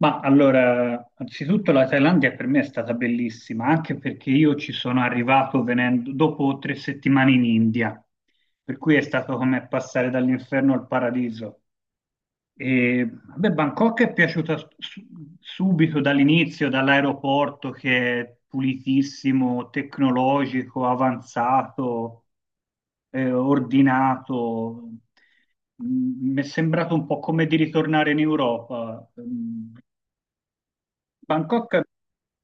Ma allora, anzitutto la Thailandia per me è stata bellissima, anche perché io ci sono arrivato venendo dopo 3 settimane in India, per cui è stato come passare dall'inferno al paradiso. E vabbè, Bangkok è piaciuta subito dall'inizio, dall'aeroporto che è pulitissimo, tecnologico, avanzato, ordinato. Mi è sembrato un po' come di ritornare in Europa. Bangkok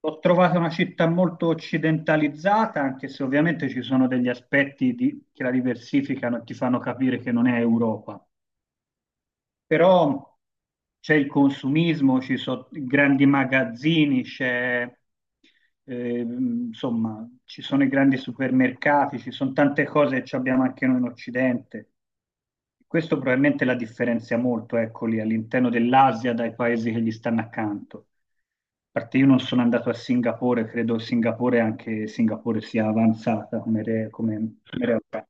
l'ho trovata una città molto occidentalizzata, anche se ovviamente ci sono degli che la diversificano e ti fanno capire che non è Europa, però c'è il consumismo, ci sono grandi magazzini, insomma, ci sono i grandi supermercati, ci sono tante cose che ci abbiamo anche noi in Occidente. Questo probabilmente la differenzia molto, ecco lì, all'interno dell'Asia dai paesi che gli stanno accanto. A parte, io non sono andato a Singapore, credo Singapore, anche Singapore sia avanzata come, come realtà.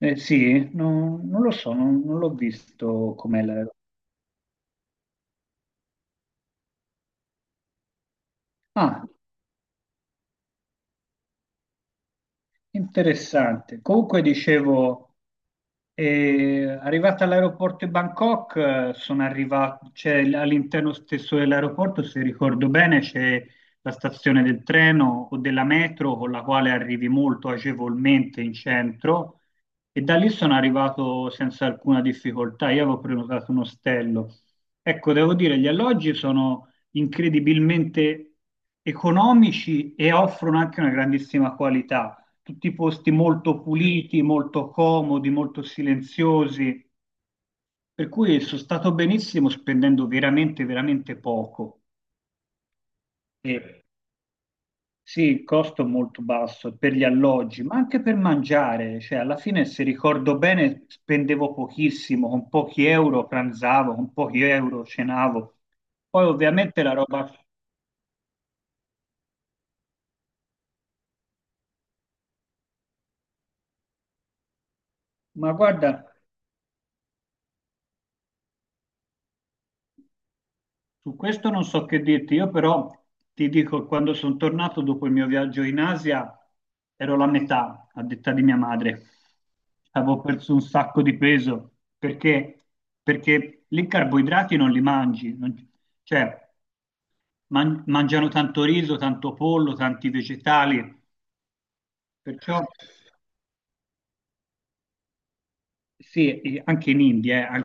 Eh sì, non lo so, non l'ho visto com'è la... Ah, interessante. Comunque dicevo, arrivata all'aeroporto di Bangkok, sono arrivato, all'interno stesso dell'aeroporto, se ricordo bene, c'è la stazione del treno o della metro con la quale arrivi molto agevolmente in centro, e da lì sono arrivato senza alcuna difficoltà. Io avevo prenotato un ostello. Ecco, devo dire, gli alloggi sono incredibilmente economici e offrono anche una grandissima qualità, tutti posti molto puliti, molto comodi, molto silenziosi, per cui sono stato benissimo spendendo veramente, veramente poco. E ok, sì, il costo è molto basso per gli alloggi, ma anche per mangiare, cioè alla fine, se ricordo bene, spendevo pochissimo, con pochi euro pranzavo, con pochi euro cenavo. Poi ovviamente la roba, ma guarda, su questo non so che dirti, io però ti dico, quando sono tornato dopo il mio viaggio in Asia, ero la metà, a detta di mia madre. Avevo perso un sacco di peso, perché, perché lì i carboidrati non li mangi, cioè mangiano tanto riso, tanto pollo, tanti vegetali, perciò sì, e anche in India,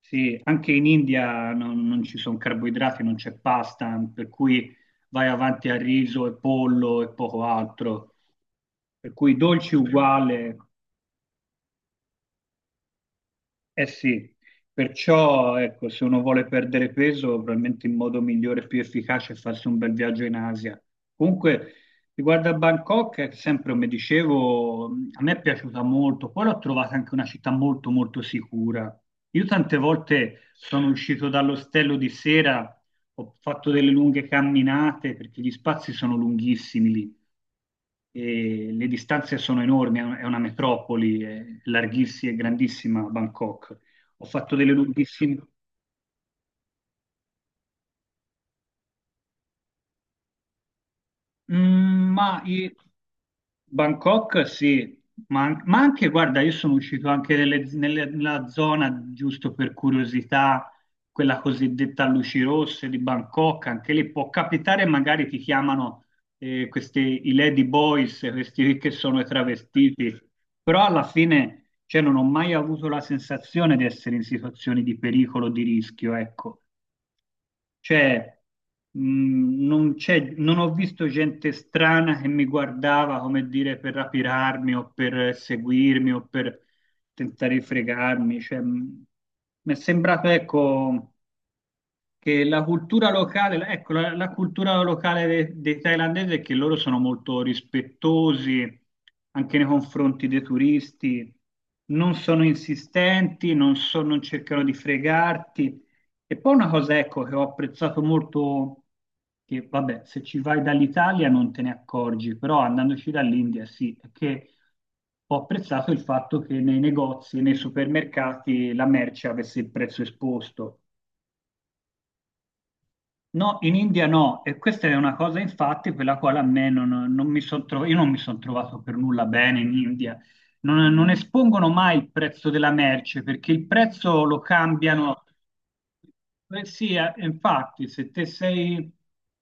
sì, anche in India non ci sono carboidrati, non c'è pasta, per cui vai avanti a riso e pollo e poco altro. Per cui dolci uguale, eh sì, perciò ecco, se uno vuole perdere peso, probabilmente il modo migliore e più efficace è farsi un bel viaggio in Asia. Comunque, riguardo a Bangkok, sempre come dicevo, a me è piaciuta molto, poi l'ho trovata anche una città molto molto sicura. Io tante volte sono uscito dall'ostello di sera, ho fatto delle lunghe camminate perché gli spazi sono lunghissimi lì e le distanze sono enormi, è una metropoli, è larghissima e grandissima Bangkok. Ho fatto delle lunghissime... Mm, Bangkok sì, ma, ma anche, guarda, io sono uscito anche nella zona, giusto per curiosità, quella cosiddetta luci rosse di Bangkok, anche lì può capitare, magari ti chiamano, questi, i lady boys, questi che sono i travestiti, però alla fine, cioè, non ho mai avuto la sensazione di essere in situazioni di pericolo, di rischio, ecco. Cioè, non ho visto gente strana che mi guardava, come dire, per rapirarmi o per seguirmi o per tentare di fregarmi. Cioè, mi è sembrato, ecco, che la cultura locale, ecco, la, la cultura locale dei thailandesi è che loro sono molto rispettosi anche nei confronti dei turisti, non sono insistenti, non cercano di fregarti. E poi una cosa, ecco, che ho apprezzato molto, che vabbè, se ci vai dall'Italia non te ne accorgi, però andandoci dall'India sì, è che ho apprezzato il fatto che nei negozi, nei supermercati, la merce avesse il prezzo esposto. No, in India no, e questa è una cosa infatti per la quale a me non mi sono trovato, io non mi sono trovato per nulla bene in India. Non espongono mai il prezzo della merce perché il prezzo lo cambiano. Beh, sì, infatti, se te sei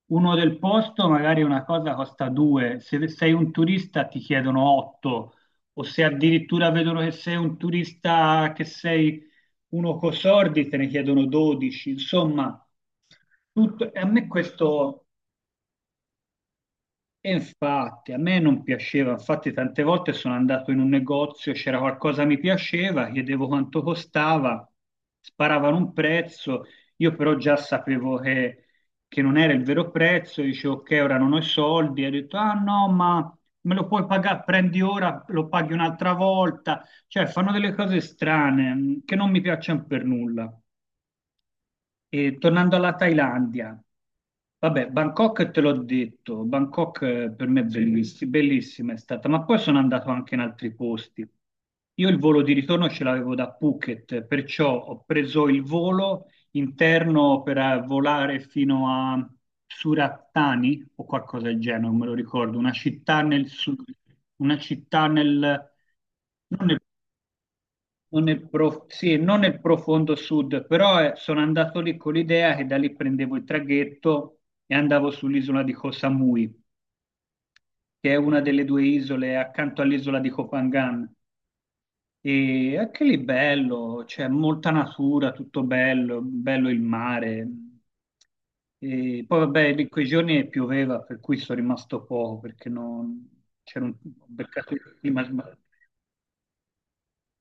uno del posto, magari una cosa costa due, se sei un turista ti chiedono otto, o se addirittura vedono che sei un turista, che sei uno coi sordi, te ne chiedono 12. Insomma, e a me questo. E infatti, a me non piaceva, infatti tante volte sono andato in un negozio, c'era qualcosa che mi piaceva, chiedevo quanto costava, sparavano un prezzo, io però già sapevo che non era il vero prezzo, dicevo ok, ora non ho i soldi, e ho detto ah no, ma me lo puoi pagare, prendi ora, lo paghi un'altra volta, cioè fanno delle cose strane, mm, che non mi piacciono per nulla. E tornando alla Thailandia, vabbè, Bangkok te l'ho detto, Bangkok, per me è sì, bellissima è stata, ma poi sono andato anche in altri posti. Io il volo di ritorno ce l'avevo da Phuket, perciò ho preso il volo interno per, volare fino a Surattani o qualcosa del genere, non me lo ricordo, una città nel sud, una città nel... non nel prof- sì, non nel profondo sud, però, sono andato lì con l'idea che da lì prendevo il traghetto e andavo sull'isola di Koh Samui, che è una delle due isole accanto all'isola di Koh Phangan. E anche lì, bello, c'è molta natura, tutto bello, bello il mare. E poi vabbè, in quei giorni pioveva, per cui sono rimasto poco, perché non... c'era un... ho beccato il clima sbagliato.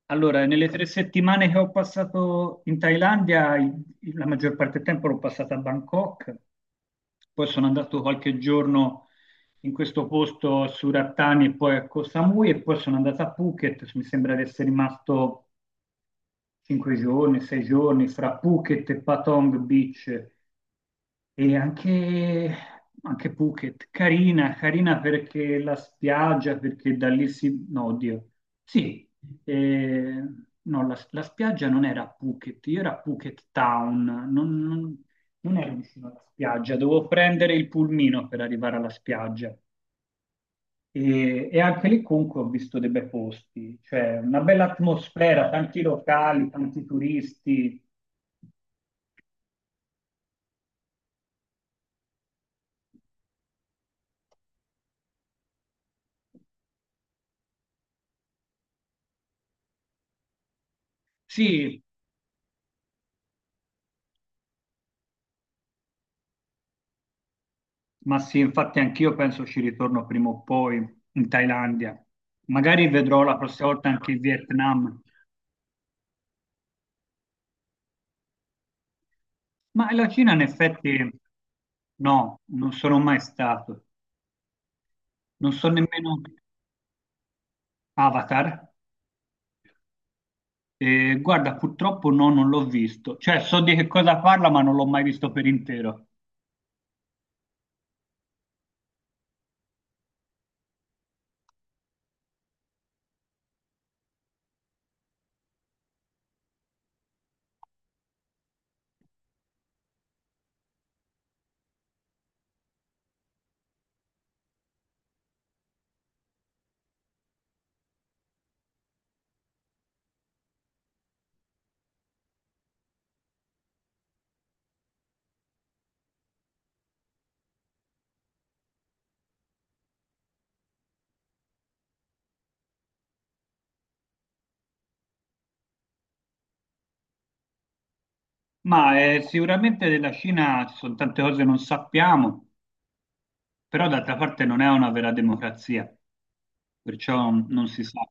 Allora, nelle 3 settimane che ho passato in Thailandia, la maggior parte del tempo l'ho passata a Bangkok, poi sono andato qualche giorno in questo posto a Surattani e poi a Koh Samui e poi sono andato a Phuket, mi sembra di essere rimasto 5 giorni, 6 giorni, fra Phuket e Patong Beach, e anche, anche Phuket, carina, carina perché la spiaggia, perché da lì si... No, oddio. Sì, eh, no, la, la spiaggia non era a Phuket, io era a Phuket Town, non, non- non ero vicino alla spiaggia, dovevo prendere il pulmino per arrivare alla spiaggia. E anche lì comunque ho visto dei bei posti, cioè una bella atmosfera, tanti locali, tanti turisti. Sì, ma sì, infatti anch'io penso ci ritorno prima o poi in Thailandia. Magari vedrò la prossima volta anche il Vietnam. Ma la Cina in effetti no, non sono mai stato. Non so nemmeno Avatar. E guarda, purtroppo no, non l'ho visto. Cioè, so di che cosa parla, ma non l'ho mai visto per intero. Ma, sicuramente della Cina ci sono tante cose che non sappiamo, però d'altra parte non è una vera democrazia, perciò non si sa.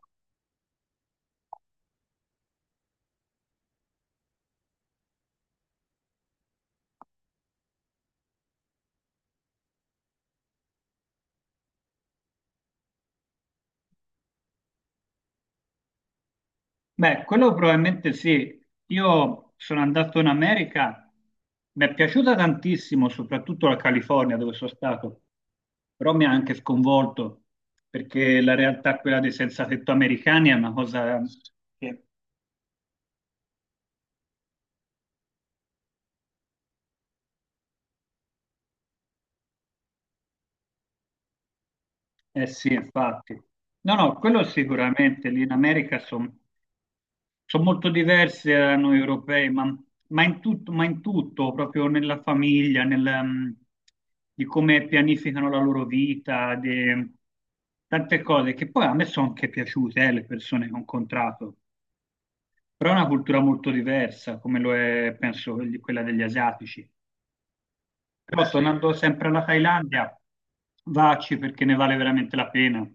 Beh, quello probabilmente sì. Io sono andato in America, mi è piaciuta tantissimo, soprattutto la California dove sono stato, però mi ha anche sconvolto perché la realtà, quella dei senza tetto americani, è una cosa che... eh sì, infatti. No, no, quello sicuramente, lì in America sono... sono molto diverse da noi europei, ma, ma in tutto, proprio nella famiglia, nel, mm, di come pianificano la loro vita, di tante cose che poi a me sono anche piaciute, le persone che ho incontrato, però è una cultura molto diversa, come lo è, penso, quella degli asiatici. Eh, però sì, tornando sempre alla Thailandia, vacci perché ne vale veramente la pena.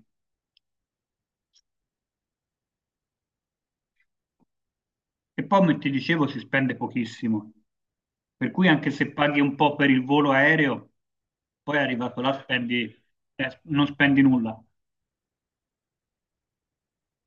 E poi, come ti dicevo, si spende pochissimo. Per cui anche se paghi un po' per il volo aereo, poi arrivato là spendi, non spendi nulla.